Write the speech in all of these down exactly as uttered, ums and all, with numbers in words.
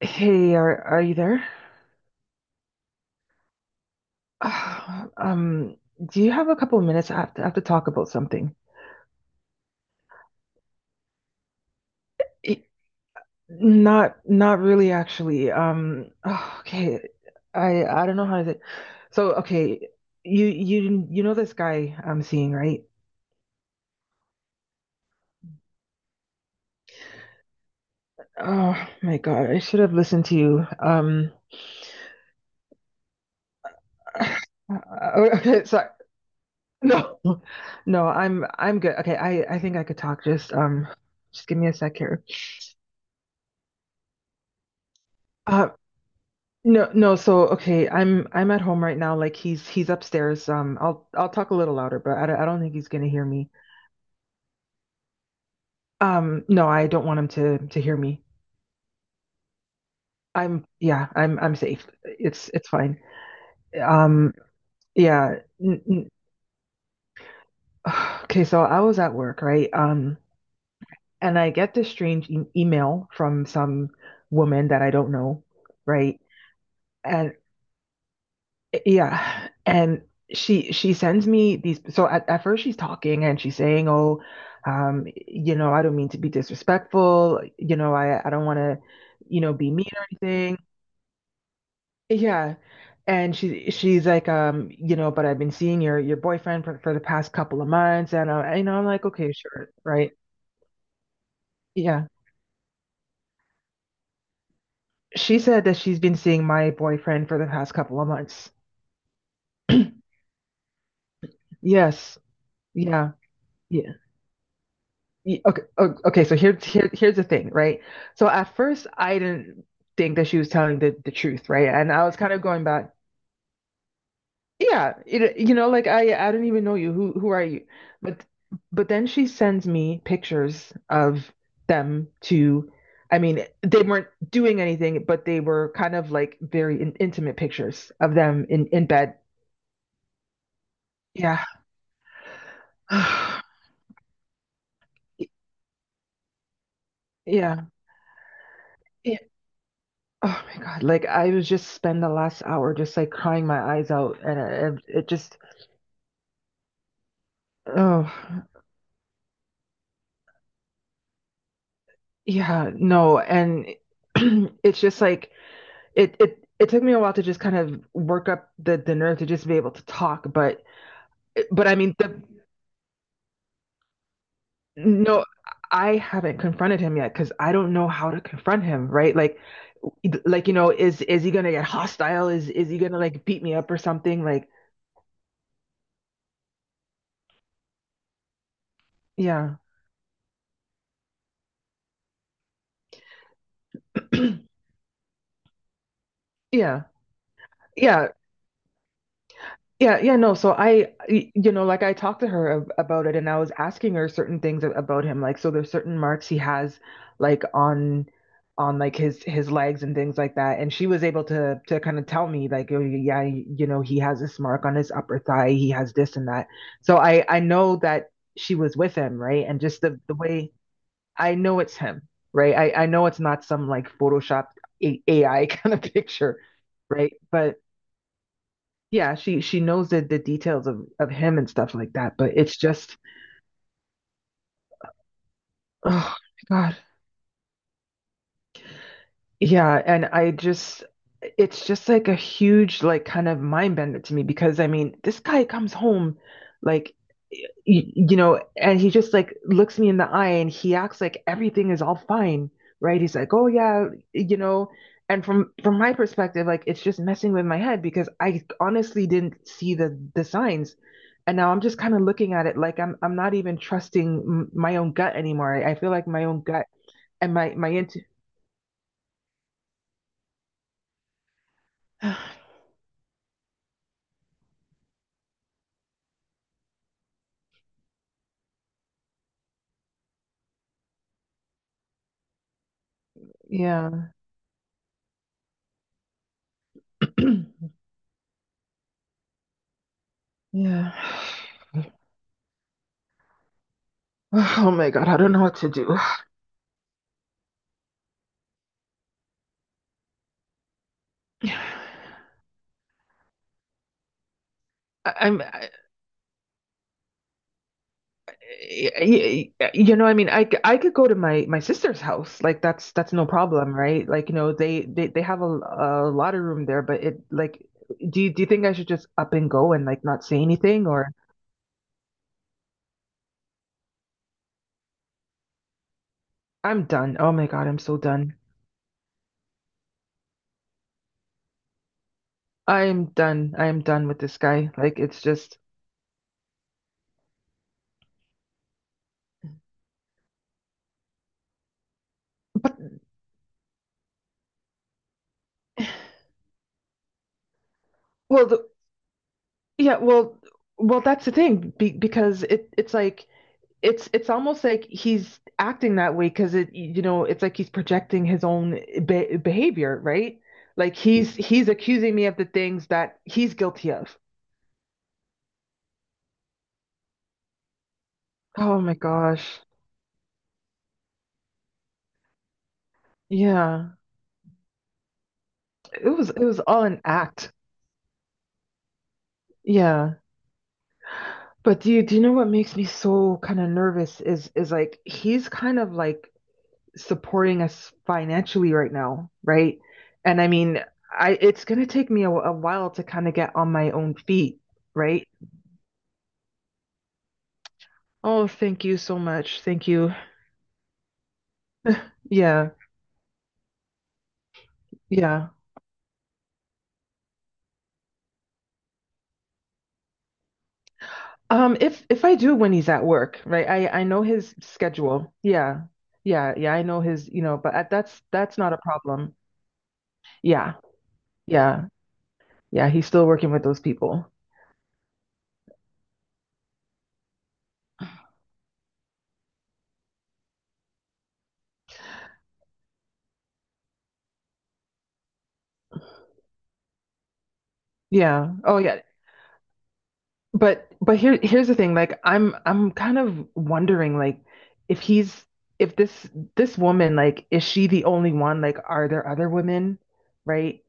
Hey, are are you there? Ah, Um, do you have a couple of minutes? I have to, I have to talk about something. It, not not really actually. Um, ah, okay. I I don't know how to say. So, okay, you you you know this guy I'm seeing, right? Oh my God, I should have listened to you. Um, uh, okay, sorry. No. No, I'm I'm good. Okay, I I think I could talk. Just um just give me a sec here. Uh, No, no, so okay, I'm I'm at home right now. Like he's he's upstairs. Um, I'll I'll talk a little louder, but I, don't- I don't think he's gonna hear me. Um, no, I don't want him to to hear me. I'm yeah, I'm I'm safe. It's it's fine. Um, yeah. N n okay, so I was at work, right? Um, and I get this strange e email from some woman that I don't know, right? And yeah. And she she sends me these. So at, at first she's talking and she's saying, "Oh, um, you know, I don't mean to be disrespectful. You know, I I don't want to, you know, be mean or anything." Yeah. And she she's like, um, you know, but I've been seeing your your boyfriend for, for the past couple of months, and I, you know, I'm like, okay, sure, right? Yeah. She said that she's been seeing my boyfriend for the past couple of months. Yes. Yeah. Yeah. y- Okay, o- okay, so here's here, here's the thing, right? So at first I didn't think that she was telling the, the truth, right? And I was kind of going back, yeah, it, you know, like I I don't even know you. Who who are you? But but then she sends me pictures of them to, I mean, they weren't doing anything, but they were kind of like very in, intimate pictures of them in in bed. Yeah. Yeah. Yeah. Oh my God. Like I was just spend the last hour just like crying my eyes out and it, it just oh yeah, no. And it's just like it it it took me a while to just kind of work up the the nerve to just be able to talk, but but I mean the no I haven't confronted him yet because I don't know how to confront him, right? Like like you know is is he gonna get hostile? Is is he gonna like beat me up or something? Like yeah. Yeah. Yeah. Yeah, yeah, no. So I, y- you know, like I talked to her ab- about it and I was asking her certain things a- about him. Like, so there's certain marks he has like on on like his his legs and things like that. And she was able to to kind of tell me like, oh, yeah, you know, he has this mark on his upper thigh, he has this and that. So I I know that she was with him, right? And just the the way I know it's him, right? I I know it's not some like Photoshop A- AI kind of picture, right? But yeah, she she knows the, the details of of him and stuff like that, but it's just oh my God. Yeah, and I just it's just like a huge like kind of mind bender to me because I mean, this guy comes home like you, you know, and he just like looks me in the eye and he acts like everything is all fine, right? He's like, "Oh yeah, you know." And from from my perspective, like it's just messing with my head because I honestly didn't see the the signs. And now I'm just kind of looking at it like I'm I'm not even trusting m my own gut anymore. I, I feel like my own gut and my my intu yeah. yeah. Oh my god, I don't know what to do. I'm, I, you know, I mean, I I could go to my my sister's house. Like that's that's no problem, right? Like, you know, they they they have a, a lot of room there, but it like, do you do you think I should just up and go and like not say anything or I'm done. Oh my God, I'm so done. I'm done. I'm done with this guy. Like it's just well, the, yeah, well, well, that's the thing be, because it it's like it's it's almost like he's acting that way because it you know it's like he's projecting his own be- behavior right like he's he's accusing me of the things that he's guilty of oh my gosh yeah it was it was all an act yeah but do you do you know what makes me so kind of nervous is is like he's kind of like supporting us financially right now right and I mean I it's going to take me a, a while to kind of get on my own feet right Oh, thank you so much. Thank you. Yeah, yeah. Um, if if I do when he's at work, right? I I know his schedule. Yeah. Yeah, yeah, I know his, you know, but at, that's that's not a problem. Yeah. Yeah. Yeah, he's still working with those people. Yeah. Oh, yeah. But but here here's the thing. Like I'm I'm kind of wondering like if he's if this this woman like is she the only one? Like are there other women, right?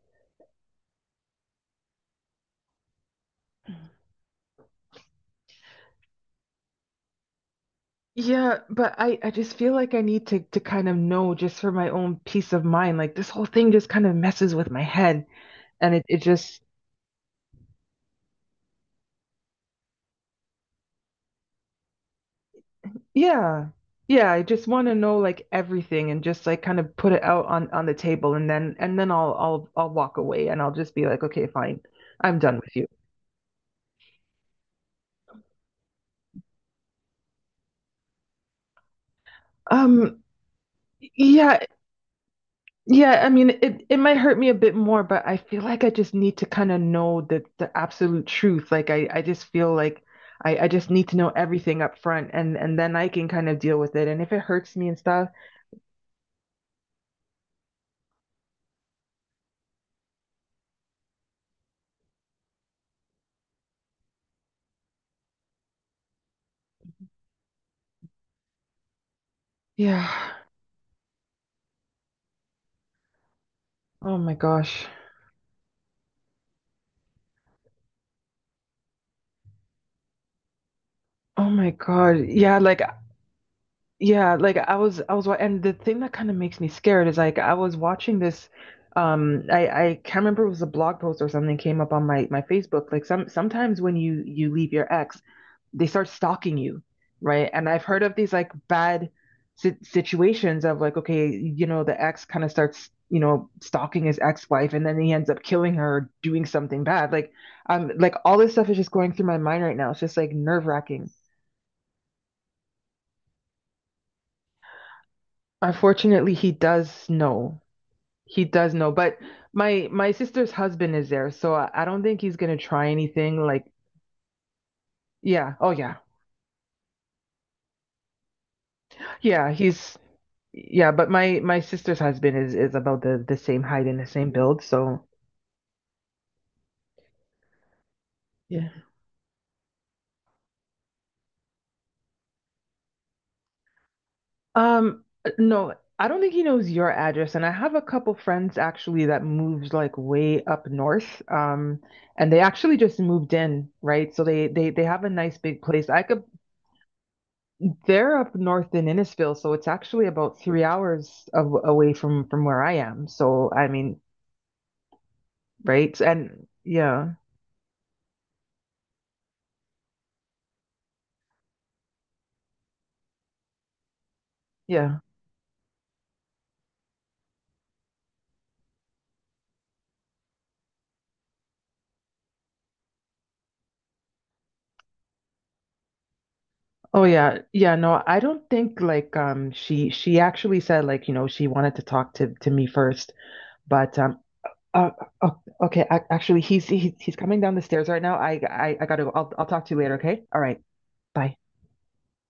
Yeah, but I I just feel like I need to to kind of know just for my own peace of mind. Like this whole thing just kind of messes with my head and it it just yeah. Yeah, I just want to know like everything and just like kind of put it out on on the table and then and then I'll I'll I'll walk away and I'll just be like, "Okay, fine. I'm done with you." Um yeah, Yeah, I mean, it it might hurt me a bit more, but I feel like I just need to kind of know the the absolute truth. Like I I just feel like I I just need to know everything up front and and then I can kind of deal with it. And if it hurts me and stuff, yeah. Oh my gosh. Oh my God. Yeah, like yeah, like I was I was wa- and the thing that kind of makes me scared is like I was watching this um I I can't remember it was a blog post or something came up on my my Facebook. Like some sometimes when you you leave your ex they start stalking you, right? And I've heard of these like bad si- situations of like, okay, you know, the ex kind of starts, you know, stalking his ex-wife and then he ends up killing her or doing something bad. Like, um, like all this stuff is just going through my mind right now. It's just like nerve-wracking. Unfortunately, he does know. He does know, but my my sister's husband is there, so I, I don't think he's gonna try anything like yeah, oh yeah. Yeah, he's yeah, but my my sister's husband is is about the the same height and the same build, so Yeah. um no, I don't think he knows your address and I have a couple friends actually that moves like way up north um and they actually just moved in, right? So they they they have a nice big place. I could they're up north in Innisfil, so it's actually about three hours of, away from from where I am. So I mean, right? And yeah. Yeah. Oh yeah, yeah, no, I don't think like um she she actually said like you know she wanted to talk to to me first, but um uh, uh, okay, ac- actually he's he's he's coming down the stairs right now. I I I gotta go. I'll I'll talk to you later, okay? All right. Bye.